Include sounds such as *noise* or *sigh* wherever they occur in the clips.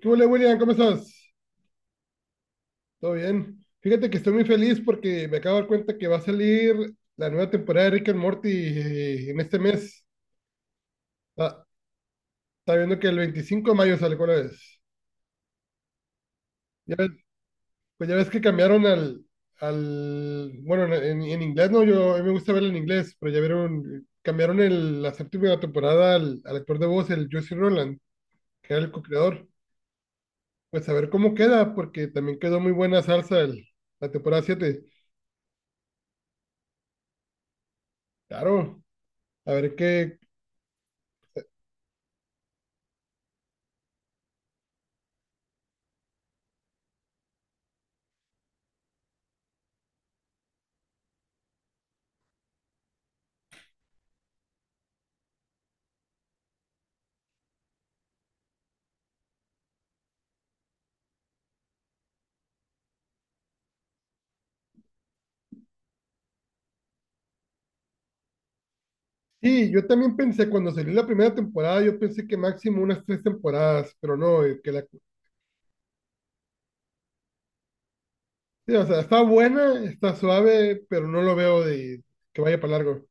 ¿Qué huele, William? ¿Cómo estás? ¿Todo bien? Fíjate que estoy muy feliz porque me acabo de dar cuenta que va a salir la nueva temporada de Rick and Morty en este mes. Ah, está viendo que el 25 de mayo sale, ¿cuál es? Ya ves- pues ya ves que cambiaron al bueno, en inglés no, yo a mí me gusta verlo en inglés, pero ya vieron, cambiaron la séptima temporada al actor de voz, el Justin Roland, que era el co-creador. Pues a ver cómo queda, porque también quedó muy buena salsa la temporada 7. Claro, a ver qué. Sí, yo también pensé, cuando salió la primera temporada, yo pensé que máximo unas tres temporadas, pero no, que la... Sí, o sea, está buena, está suave, pero no lo veo de que vaya para largo.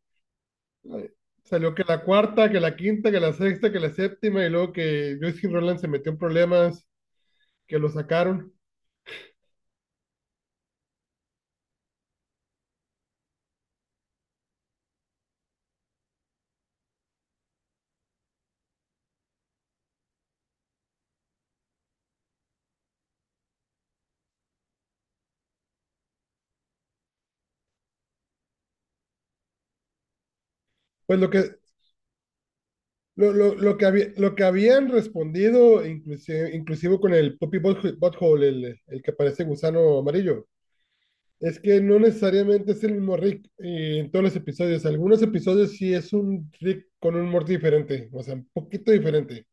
Eh, Salió que la cuarta, que la quinta, que la sexta, que la séptima, y luego que Justin Roland se metió en problemas, que lo sacaron. Pues lo que, lo que había, lo que habían respondido, inclusive, inclusive con el Poppy Butthole, el que parece gusano amarillo. Es que no necesariamente es el mismo Rick en todos los episodios. Algunos episodios sí es un Rick con un Morty diferente, o sea, un poquito diferente.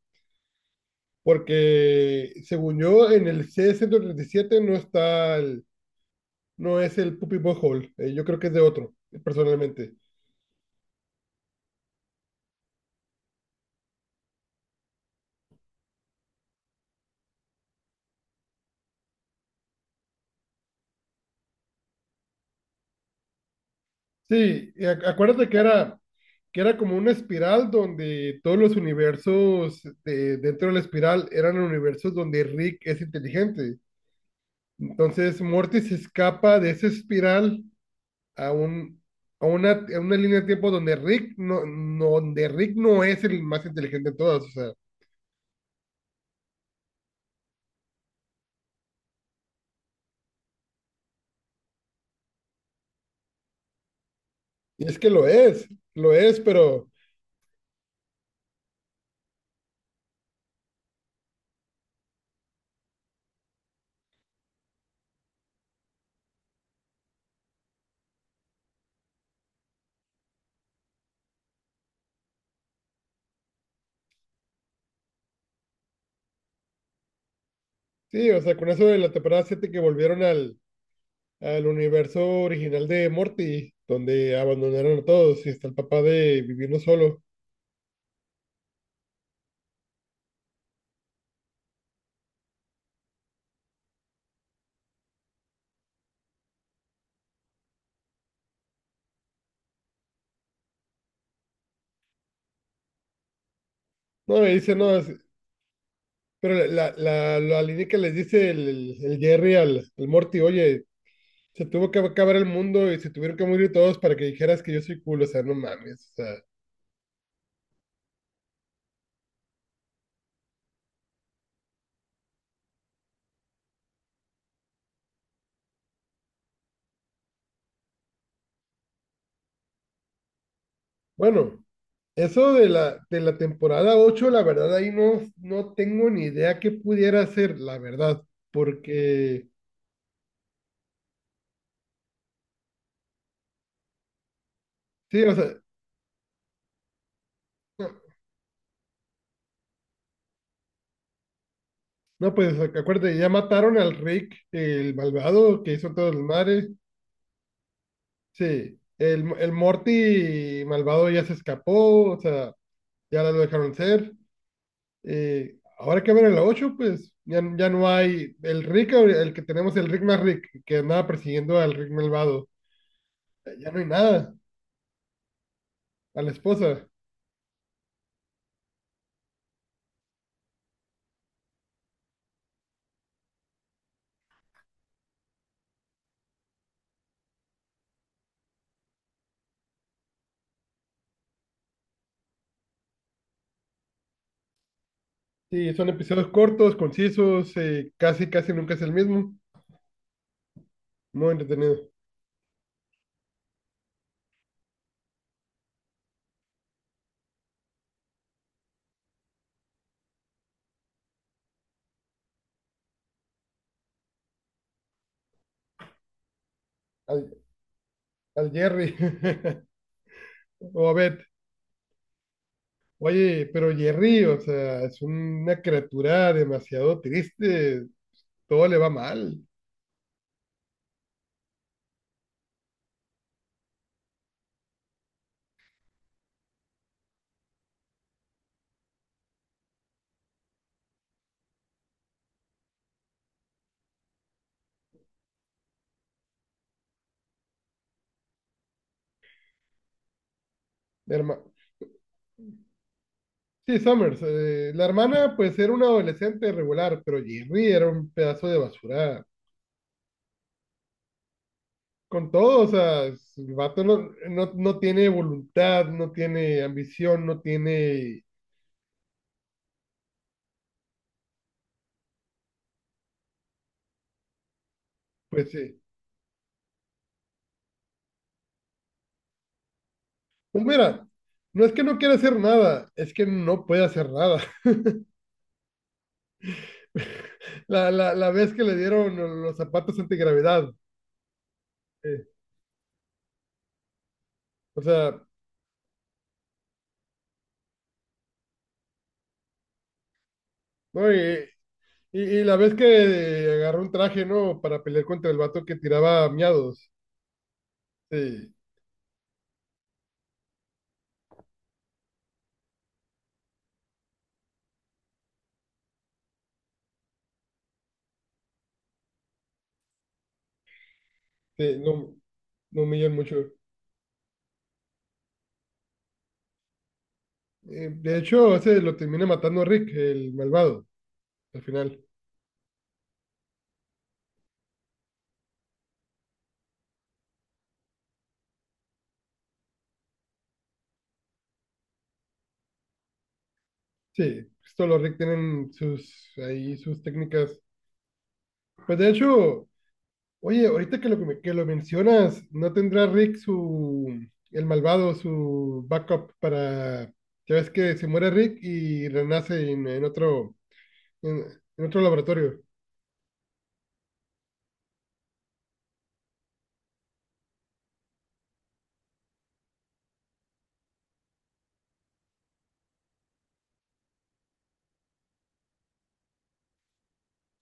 Porque según yo, en el C-137 no es el Puppy Butthole. Yo creo que es de otro, personalmente. Sí, y acuérdate que era como una espiral donde todos los universos dentro de la espiral eran universos donde Rick es inteligente. Entonces Morty se escapa de esa espiral a un, a una línea de tiempo donde Rick no, no, donde Rick no es el más inteligente de todos, o sea, y es que lo es, pero sí, o sea, con eso de la temporada 7 que volvieron al universo original de Morty, donde abandonaron a todos y está el papá de vivirlo solo. No, y dice, no, es- pero la línea que les dice el Jerry al Morty, oye, se tuvo que acabar el mundo y se tuvieron que morir todos para que dijeras que yo soy cool, o sea, no mames, o sea, bueno. Eso de de la temporada ocho, la verdad, ahí no, no tengo ni idea qué pudiera ser, la verdad, porque, sí, o sea, no, no, pues acuérdate, ya mataron al Rick, el malvado que hizo todo el mares, sí, el Morty malvado ya se escapó, o sea, ya lo dejaron ser, ahora que ven en la 8 pues ya, ya no hay el Rick, ahora- el que tenemos, el Rick más Rick, que andaba persiguiendo al Rick malvado, ya no hay nada, a la esposa. Sí, son episodios cortos, concisos, casi, casi nunca es el mismo. Muy entretenido. Al, al Jerry *laughs* o a Beth. Oye, pero Jerry, o sea, es una criatura demasiado triste. Todo le va mal. La herma- Sí, Summers. La hermana, pues, era una adolescente regular, pero Jerry era un pedazo de basura. Con todo, o sea, es- el vato no, no, no tiene voluntad, no tiene ambición, no tiene, pues, pues mira, no es que no quiera hacer nada, es que no puede hacer nada. *laughs* La vez que le dieron los zapatos antigravedad, eh, o sea, no, y, y la vez que agarró un traje, ¿no? Para pelear contra el vato que tiraba miados, sí, sí, no, no humillan mucho. De hecho, ese lo termina matando Rick, el malvado, al final. Sí, pues, todos los Rick tienen sus, ahí sus técnicas. Pues de hecho... Oye, ahorita que lo mencionas, ¿no tendrá Rick su, el malvado, su backup para, ya ves que se muere Rick y renace en, en otro laboratorio?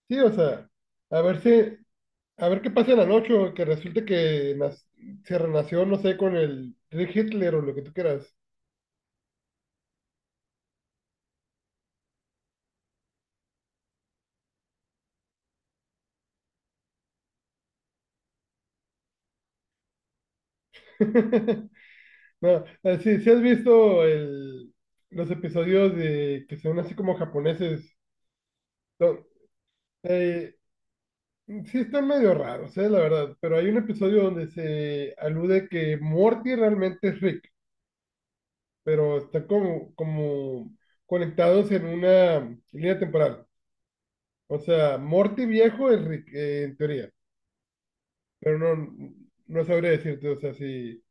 Sí, o sea, a ver si, a ver qué pasa en la noche, o que resulte que nas- se renació, no sé, con el Rick Hitler o lo que tú quieras. *laughs* No, sí, sí has visto los episodios de que son así como japoneses. Son- eh, sí, están medio raros, la verdad, pero hay un episodio donde se alude que Morty realmente es Rick, pero está como, como conectados en una línea temporal. O sea, Morty viejo es Rick, en teoría, pero no, no sabría decirte, o sea, si,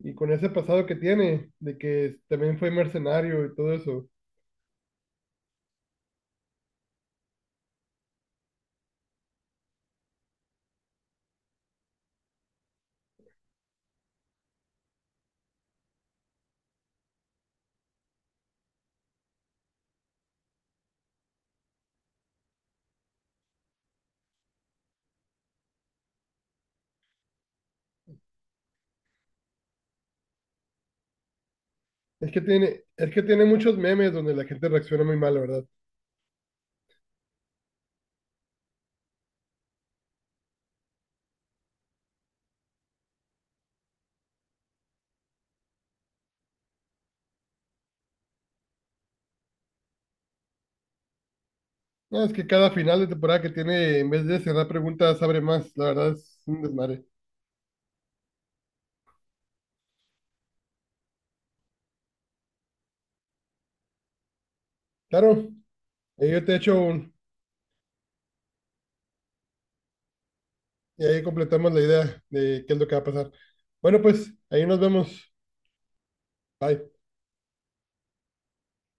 y con ese pasado que tiene, de que también fue mercenario y todo eso, es que tiene muchos memes donde la gente reacciona muy mal, la verdad. No, es que cada final de temporada que tiene, en vez de cerrar preguntas, abre más, la verdad es un desmadre. Claro, ahí yo te echo un, y ahí completamos la idea de qué es lo que va a pasar. Bueno, pues ahí nos vemos. Bye.